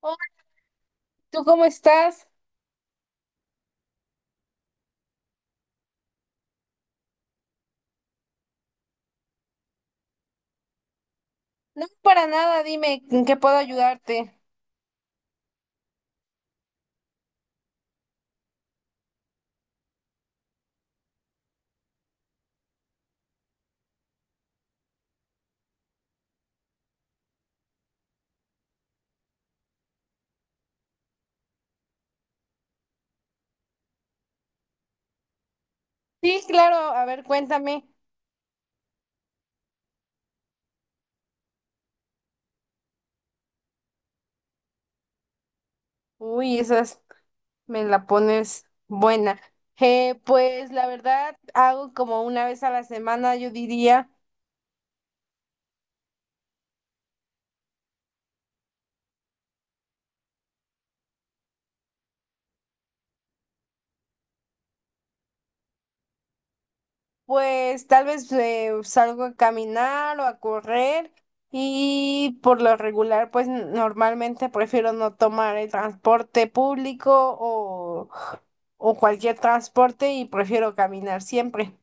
Hola, ¿tú cómo estás? No, para nada, dime en qué puedo ayudarte. Sí, claro, a ver, cuéntame. Uy, esas me la pones buena. Pues la verdad, hago como una vez a la semana, yo diría, pues tal vez salgo a caminar o a correr y por lo regular, pues normalmente prefiero no tomar el transporte público o, o cualquier transporte y prefiero caminar siempre.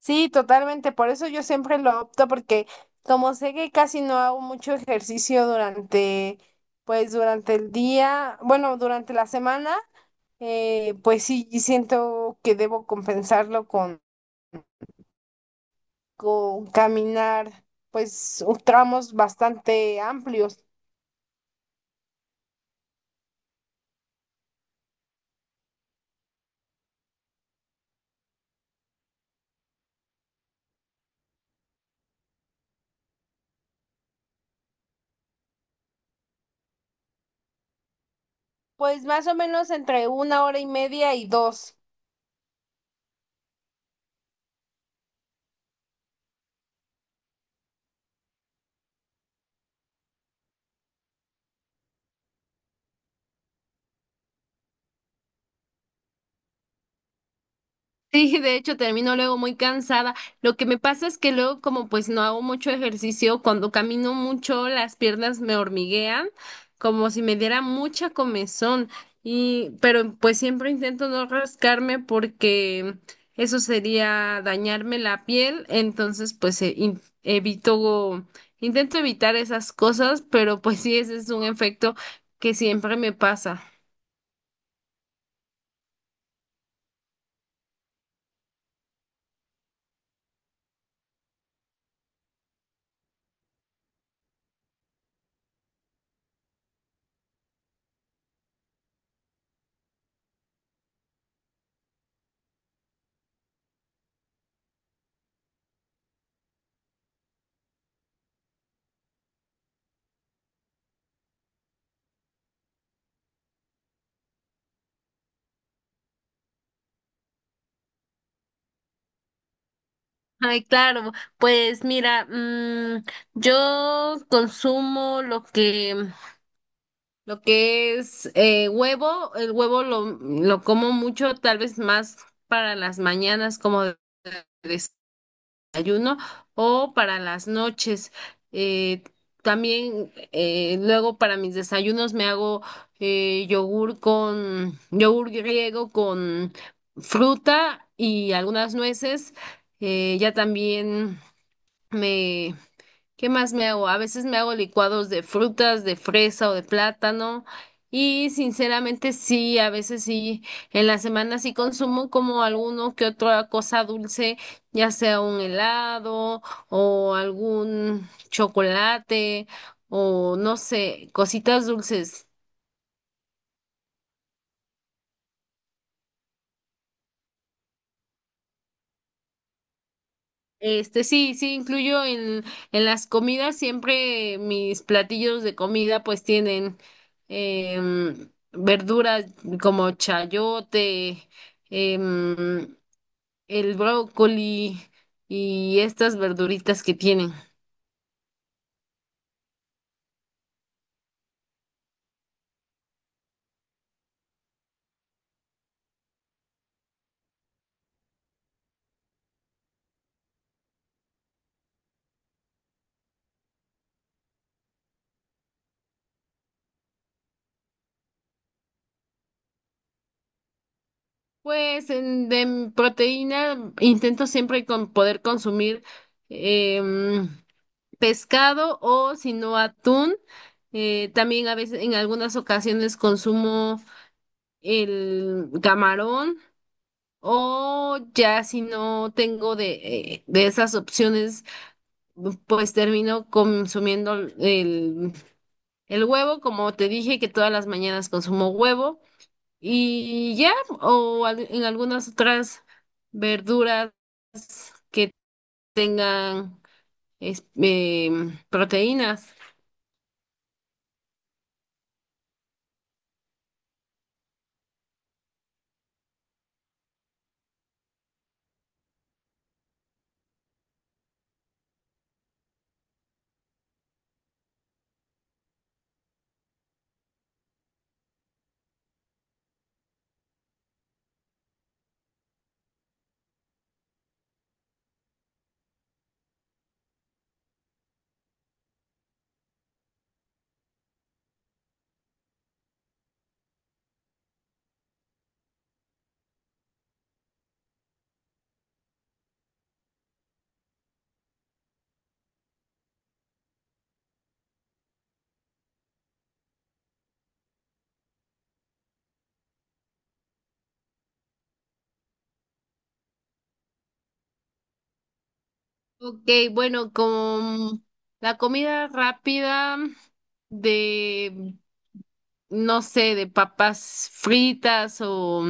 Sí, totalmente. Por eso yo siempre lo opto porque como sé que casi no hago mucho ejercicio durante, pues durante el día, bueno, durante la semana, pues sí siento que debo compensarlo con caminar, pues tramos bastante amplios, pues más o menos entre una hora y media y dos. Sí, de hecho termino luego muy cansada. Lo que me pasa es que luego como pues no hago mucho ejercicio, cuando camino mucho las piernas me hormiguean, como si me diera mucha comezón. Y pero pues siempre intento no rascarme porque eso sería dañarme la piel, entonces pues e- in- evito intento evitar esas cosas, pero pues sí ese es un efecto que siempre me pasa. Ay, claro, pues mira, yo consumo lo que, es huevo, el huevo lo como mucho, tal vez más para las mañanas como de desayuno o para las noches. Eh, También luego para mis desayunos me hago yogur yogur griego con fruta y algunas nueces. Ya también me ¿Qué más me hago? A veces me hago licuados de frutas, de fresa o de plátano. Y sinceramente sí, a veces sí, en la semana sí consumo como alguno que otra cosa dulce, ya sea un helado o algún chocolate o no sé, cositas dulces. Sí, sí, incluyo en las comidas, siempre mis platillos de comida pues tienen verduras como chayote, em, el brócoli y estas verduritas que tienen. Pues de proteína intento siempre con poder consumir em, pescado o si no atún. También a veces en algunas ocasiones consumo el camarón o ya si no tengo de esas opciones, pues termino consumiendo el huevo, como te dije que todas las mañanas consumo huevo y ya, o en algunas otras verduras que tengan proteínas. Ok, bueno, con la comida rápida de no sé, de papas fritas o,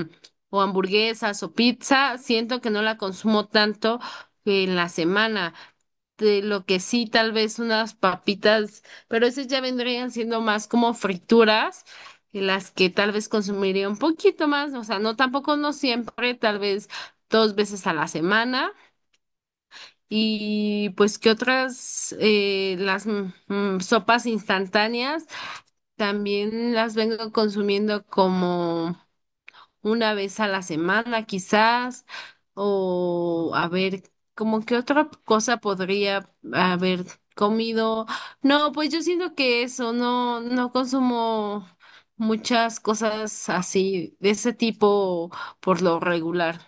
o hamburguesas o pizza, siento que no la consumo tanto en la semana. De lo que sí, tal vez unas papitas, pero esas ya vendrían siendo más como frituras, y las que tal vez consumiría un poquito más, o sea, no tampoco no siempre, tal vez dos veces a la semana. Y pues que otras, las sopas instantáneas. También las vengo consumiendo como una vez a la semana, quizás, o a ver, como que otra cosa podría haber comido. No, pues yo siento que eso, no, no consumo muchas cosas así, de ese tipo por lo regular.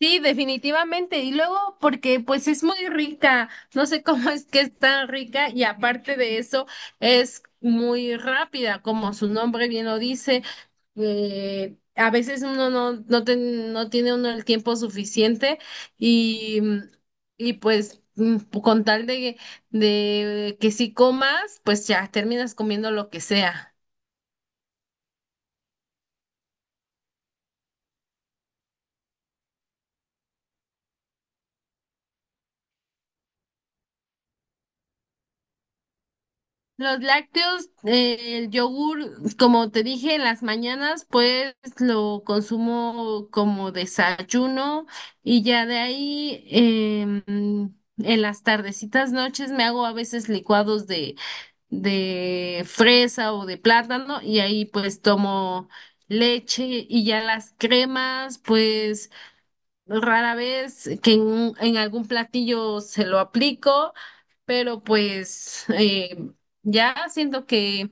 Sí, definitivamente. Y luego porque pues es muy rica. No sé cómo es que es tan rica y aparte de eso es muy rápida, como su nombre bien lo dice. A veces uno no, no, no tiene uno el tiempo suficiente y, y pues con tal de que si comas, pues ya terminas comiendo lo que sea. Los lácteos, el yogur, como te dije, en las mañanas, pues lo consumo como desayuno y ya de ahí en las tardecitas, noches me hago a veces licuados de fresa o de plátano y ahí pues tomo leche y ya las cremas, pues rara vez que en, algún platillo se lo aplico, pero pues ya siento que,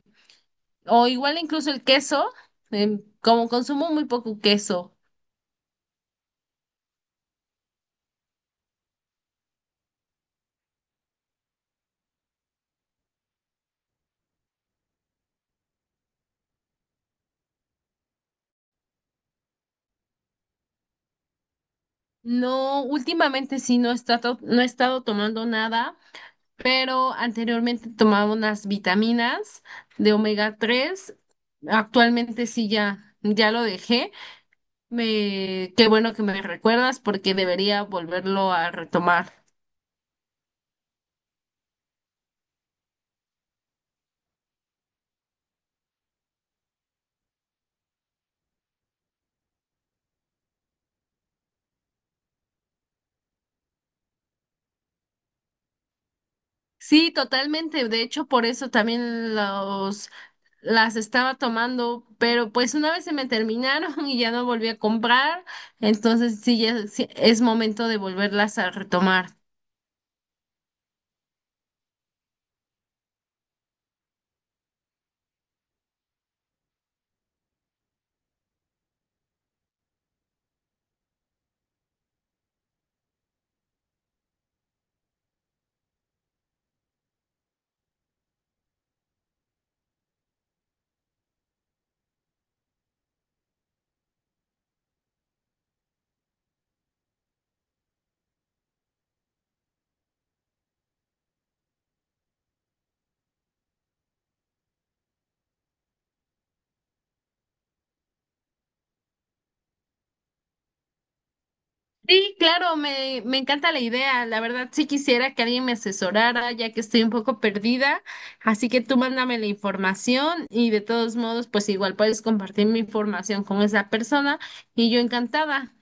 o igual incluso el queso, como consumo muy poco queso. No, últimamente sí no he estado, tomando nada, pero anteriormente tomaba unas vitaminas de omega 3. Actualmente sí ya lo dejé. Qué bueno que me recuerdas porque debería volverlo a retomar. Sí, totalmente. De hecho, por eso también las estaba tomando, pero pues una vez se me terminaron y ya no volví a comprar, entonces sí, ya sí, es momento de volverlas a retomar. Sí, claro, me encanta la idea. La verdad, sí quisiera que alguien me asesorara, ya que estoy un poco perdida. Así que tú mándame la información y de todos modos, pues igual puedes compartir mi información con esa persona y yo encantada.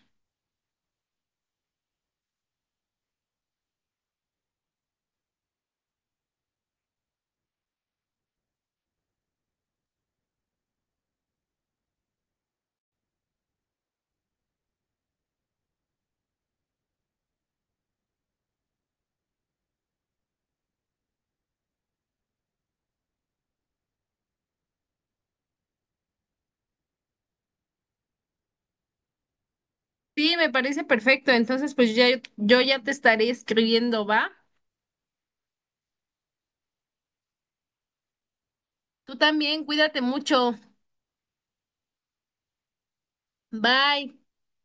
Sí, me parece perfecto. Entonces, pues ya, yo ya te estaré escribiendo, ¿va? Tú también, cuídate mucho. Bye.